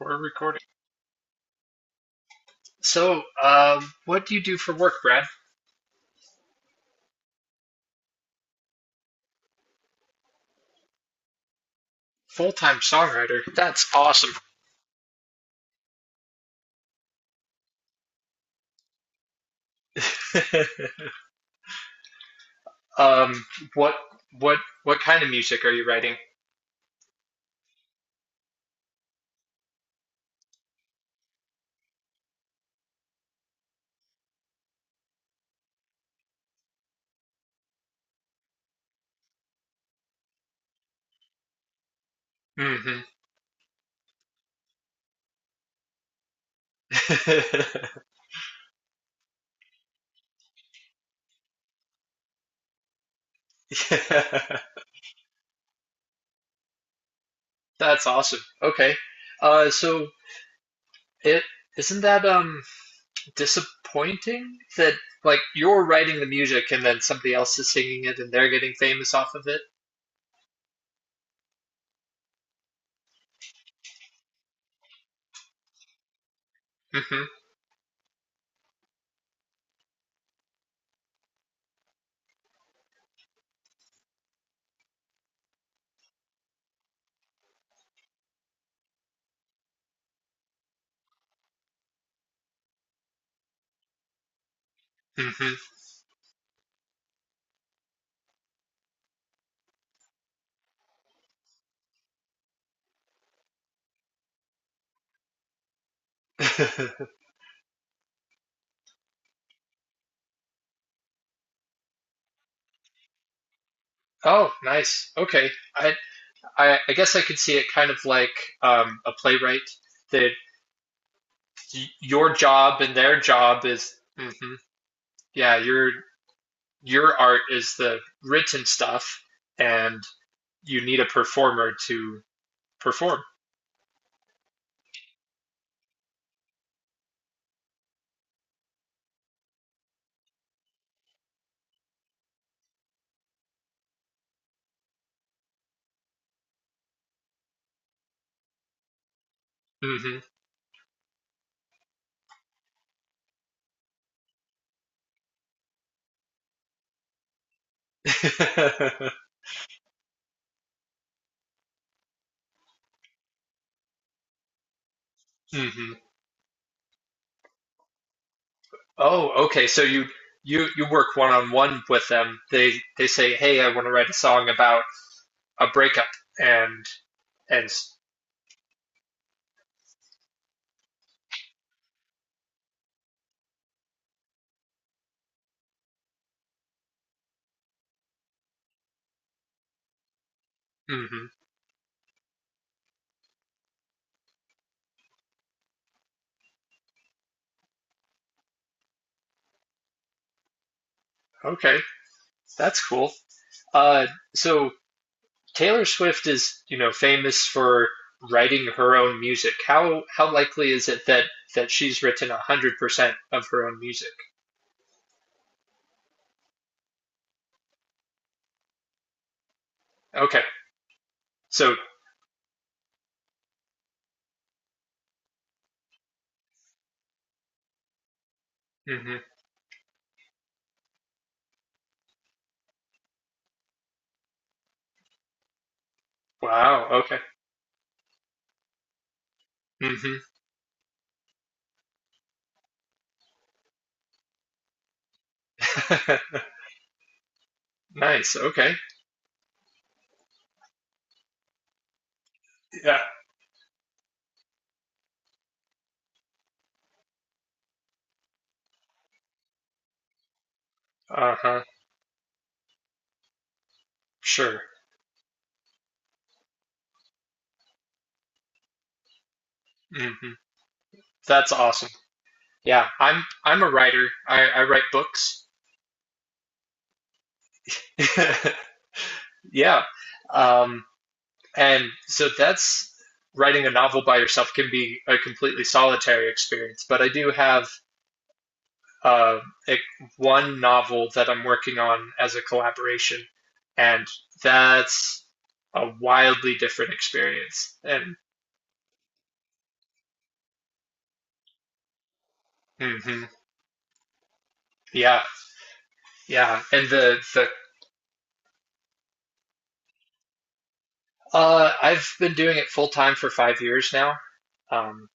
We're recording. So, what do you do for work, Brad? Full-time songwriter. That's awesome. Um, what what what kind of music are you writing? Mm-hmm. Yeah. That's awesome. Okay. So it isn't that disappointing that like you're writing the music and then somebody else is singing it and they're getting famous off of it? Mm-hmm. Mm-hmm. Oh, nice. Okay. I I I guess I could see it kind of like a playwright that your job and their job is, yeah, your art is the written stuff, and you need a performer to perform. Hmm hmm. Oh, okay. So you you work one on one with them. They say, hey, I want to write a song about a breakup, and and hmm. Okay, that's cool. Uh, so. Taylor Swift is, you know, famous for writing her own music. How likely is it that she's written 100% of her own music? Okay, so hmm, wow, okay, hmm, nice, okay, yeah, uh huh, sure, hmm, that's awesome. Yeah, I'm a writer. I write books. Yeah, um, and so that's writing a novel by yourself can be a completely solitary experience. But I do have uh, it, one novel that I'm working on as a collaboration, and that's a wildly different experience. And hmm, yeah, yeah, and the I've been doing it full time for 5 years now. Um,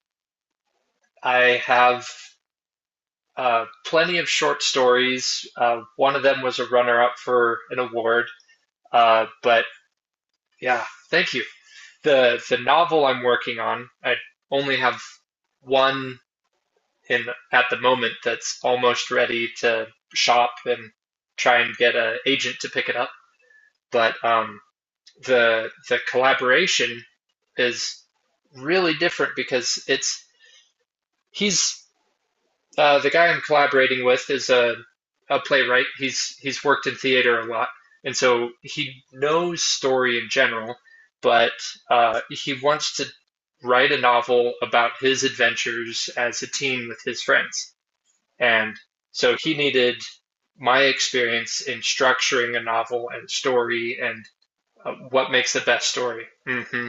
I have plenty of short stories. One of them was a runner up for an award. But yeah, thank you. The novel I'm working on, I only have one in at the moment that's almost ready to shop and try and get an agent to pick it up. But the collaboration is really different because it's he's the guy I'm collaborating with is a playwright. He's worked in theater a lot, and so he knows story in general, but he wants to write a novel about his adventures as a teen with his friends. And so he needed my experience in structuring a novel and story and what makes the best story. Hmm.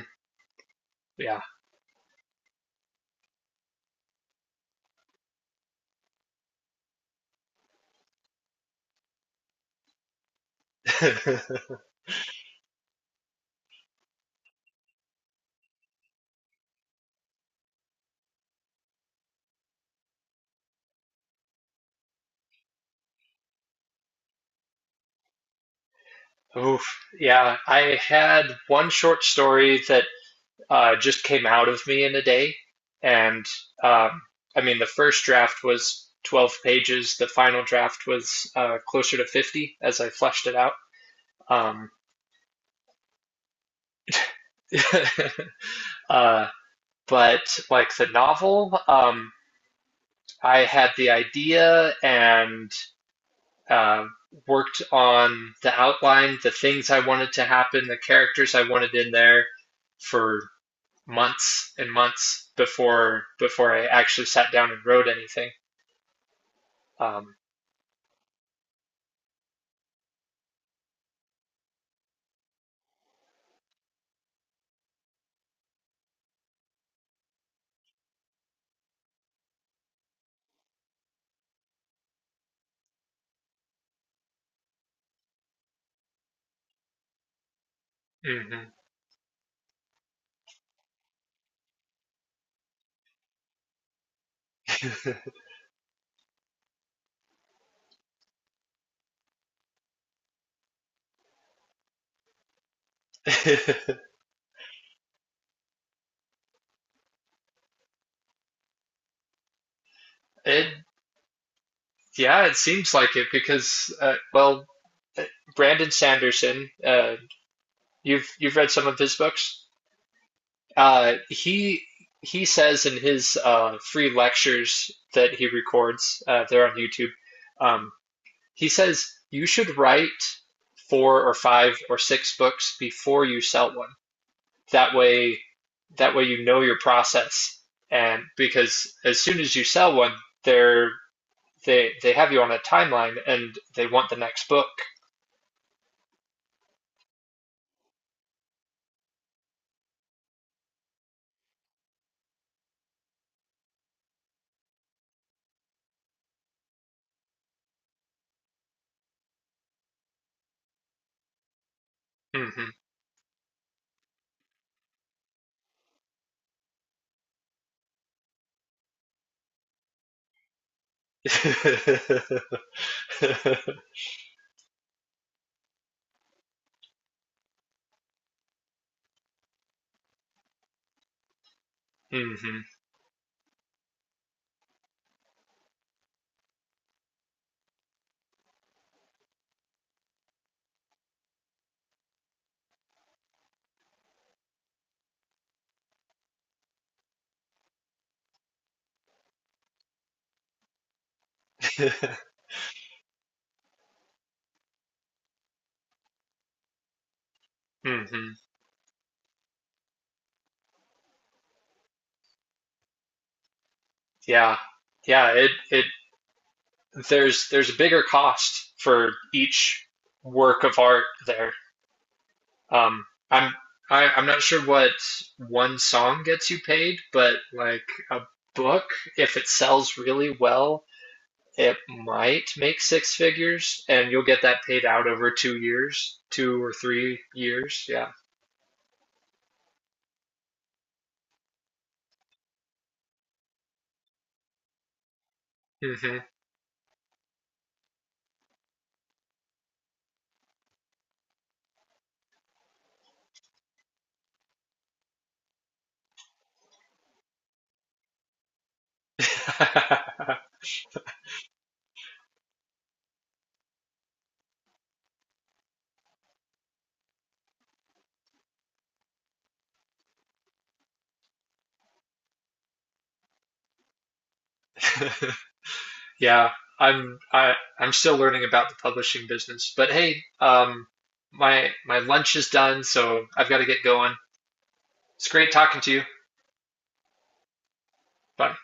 Yeah. Oof. Yeah. I had one short story that just came out of me in a day. And um, I mean, the first draft was 12 pages, the final draft was closer to 50 as I fleshed it out. Um, uh, but like the novel, I had the idea and um, worked on the outline, the things I wanted to happen, the characters I wanted in there for months and months before I actually sat down and wrote anything. Um, mhm. it yeah, it seems like it because well, uh, Brandon Sanderson, you've read some of his books. He he says in his free lectures that he records, they're on YouTube. Um, he says you should write four or five or six books before you sell one. That way, that way you know your process. And because as soon as you sell one, they're they have you on a timeline and they want the next book. Hmm. Hmm. Hmm. Hmm. Yeah. Yeah, it there's a bigger cost for each work of art there. Um, I'm I, I'm not sure what one song gets you paid, but like a book, if it sells really well, it might make six figures, and you'll get that paid out over 2 years, 2 or 3 years. Yeah. Hmm. yeah, I I'm still learning about the publishing business. But hey, my my lunch is done, so I've got to get going. It's great talking to you. Bye.